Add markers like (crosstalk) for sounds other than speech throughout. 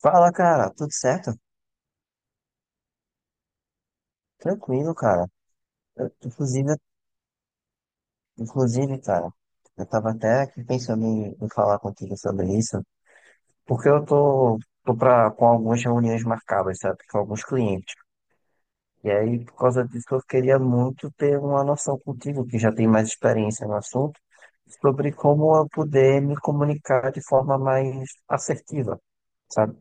Fala, cara, tudo certo? Tranquilo, cara. Eu- inclusive, inclusive, cara, eu tava até aqui pensando em falar contigo sobre isso, porque eu tô com algumas reuniões marcadas, sabe, com alguns clientes. E aí, por causa disso, eu queria muito ter uma noção contigo, que já tem mais experiência no assunto, sobre como eu poder me comunicar de forma mais assertiva, sabe?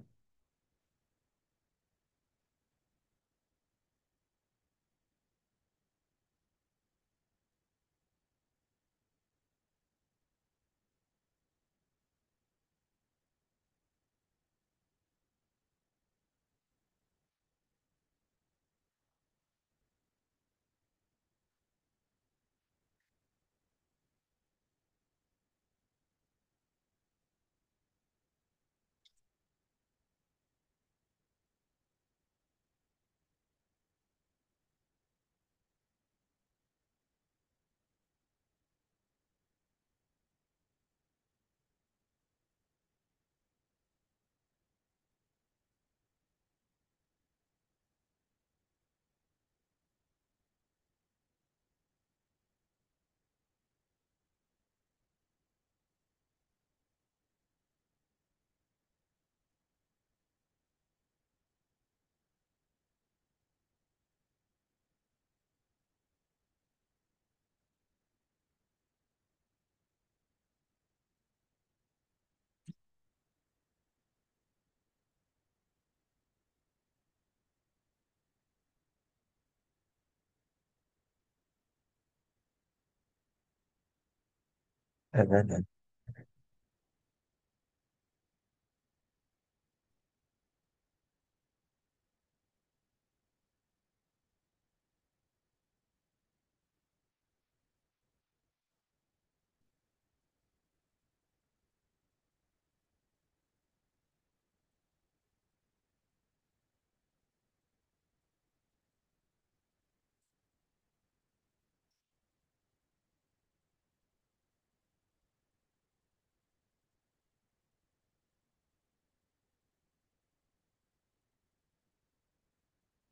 É verdade.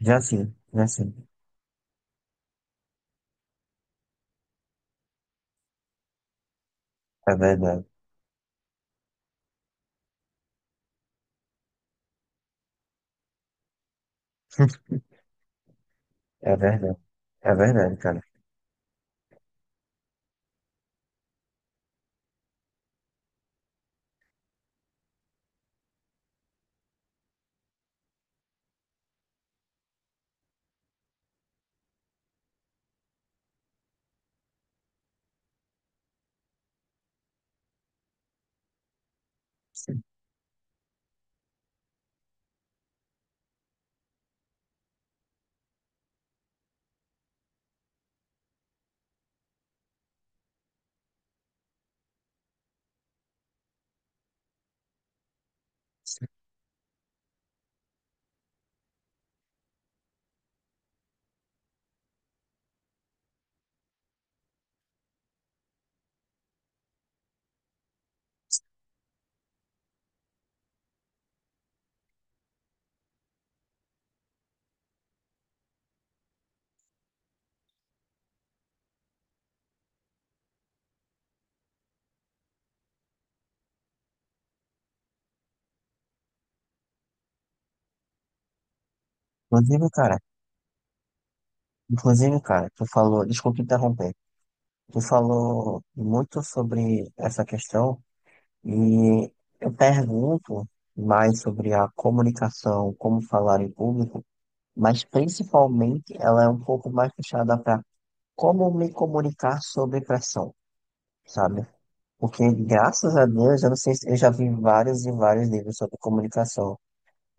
Já sim, é verdade. É verdade. É verdade, cara. Sim, sim. Inclusive, cara, inclusive, cara, tu falou, desculpa interromper, tu falou muito sobre essa questão e eu pergunto mais sobre a comunicação, como falar em público, mas principalmente ela é um pouco mais fechada para como me comunicar sobre pressão. Sabe? Porque, graças a Deus, eu não sei, eu já vi vários e vários livros sobre comunicação.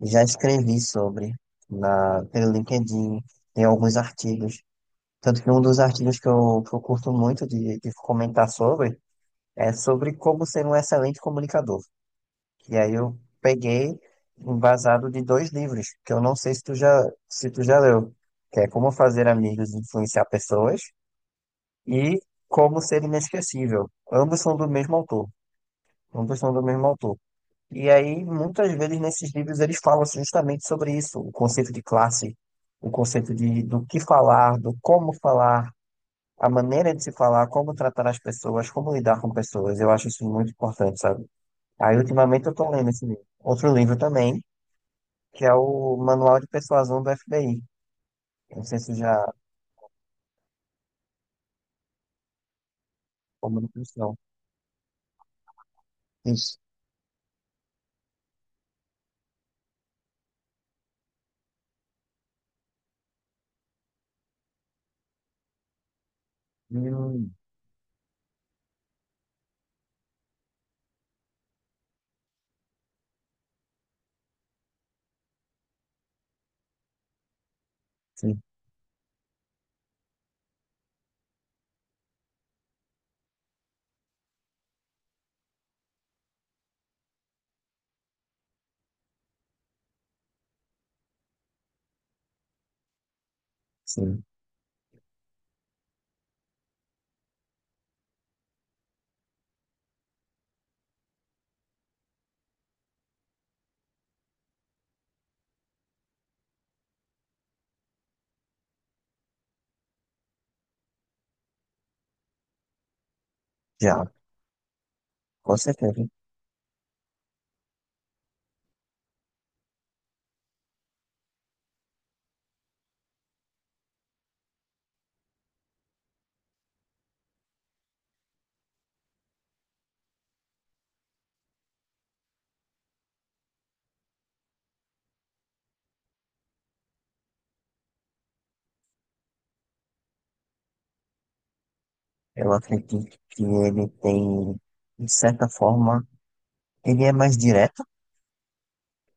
Já escrevi sobre na, pelo LinkedIn, tem alguns artigos. Tanto que um dos artigos que eu curto muito de comentar sobre é sobre como ser um excelente comunicador. E aí eu peguei embasado de dois livros, que eu não sei se tu já leu, que é Como Fazer Amigos e Influenciar Pessoas e Como Ser Inesquecível. Ambos são do mesmo autor. Ambos são do mesmo autor. E aí, muitas vezes nesses livros eles falam justamente sobre isso, o conceito de classe, o conceito de do que falar, do como falar, a maneira de se falar, como tratar as pessoas, como lidar com pessoas. Eu acho isso muito importante, sabe? Aí, ultimamente, eu tô lendo esse livro. Outro livro também, que é o Manual de Persuasão do FBI. Eu não sei se já comunicação. Isso. Hum, sim, sim. Já, com certeza. Eu acredito que ele tem de certa forma, ele é mais direto,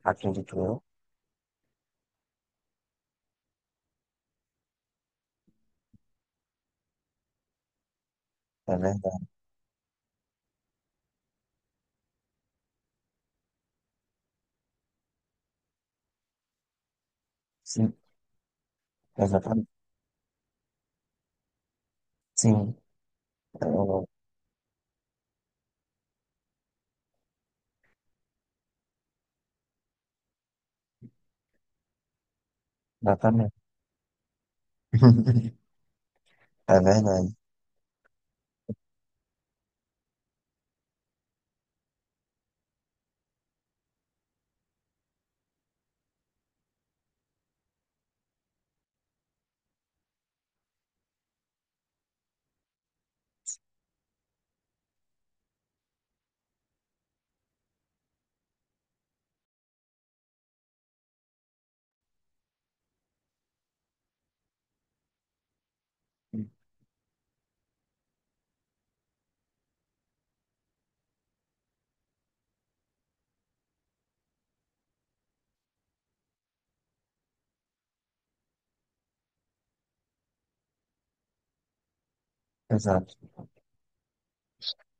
acredito eu, é verdade. Sim, exatamente. Sim, eu- exatamente. (laughs) É verdade. Exato.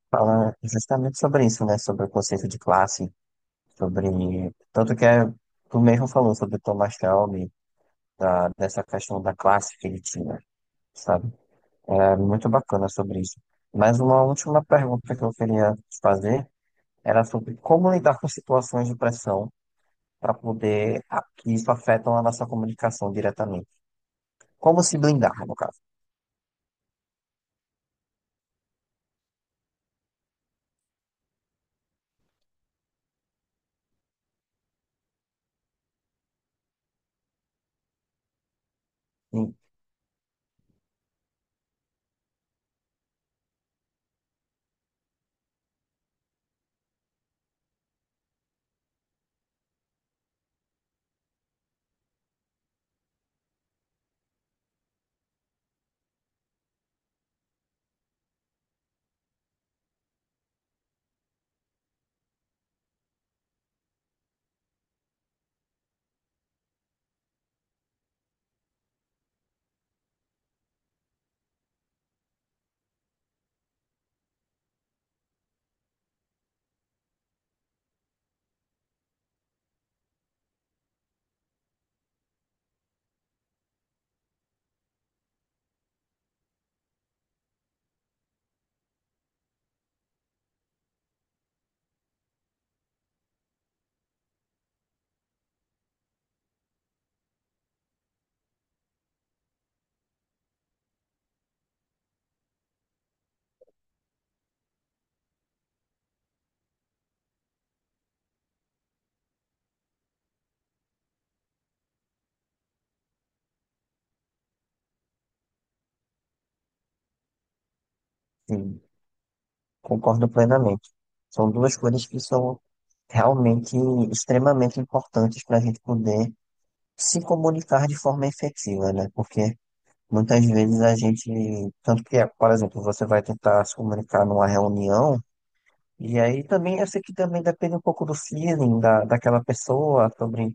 Fala justamente sobre isso, né? Sobre o conceito de classe, sobre. Tanto que é, tu mesmo falou sobre o Thomas Shelby, dessa questão da classe que ele tinha, sabe? É muito bacana sobre isso. Mas uma última pergunta que eu queria te fazer era sobre como lidar com situações de pressão para poder que isso afeta a nossa comunicação diretamente. Como se blindar, no caso. Sim, sim, concordo plenamente. São duas coisas que são realmente extremamente importantes para a gente poder se comunicar de forma efetiva, né? Porque muitas vezes a gente, tanto que, por exemplo, você vai tentar se comunicar numa reunião, e aí também eu sei que também depende um pouco do feeling daquela pessoa sobre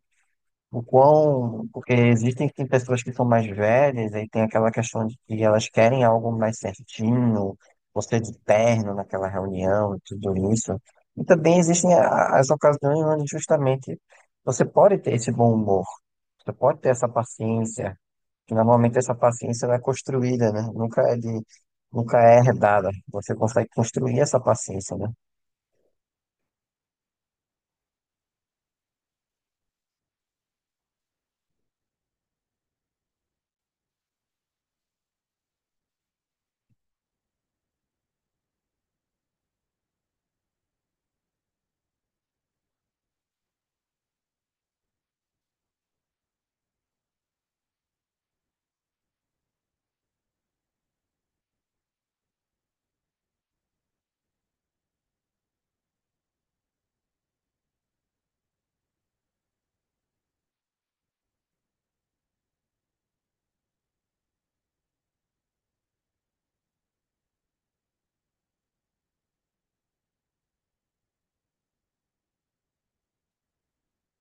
o quão, porque existem tem pessoas que são mais velhas, aí tem aquela questão de que elas querem algo mais certinho, você de terno naquela reunião e tudo isso. E também existem as ocasiões onde justamente você pode ter esse bom humor, você pode ter essa paciência, que normalmente essa paciência ela é construída, né? Nunca é herdada. Você consegue construir essa paciência, né?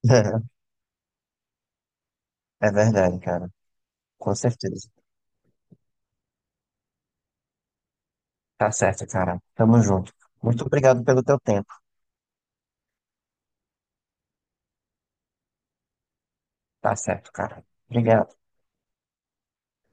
(laughs) É verdade, cara. Com certeza. Tá certo, cara. Tamo junto. Muito obrigado pelo teu tempo. Tá certo, cara. Obrigado.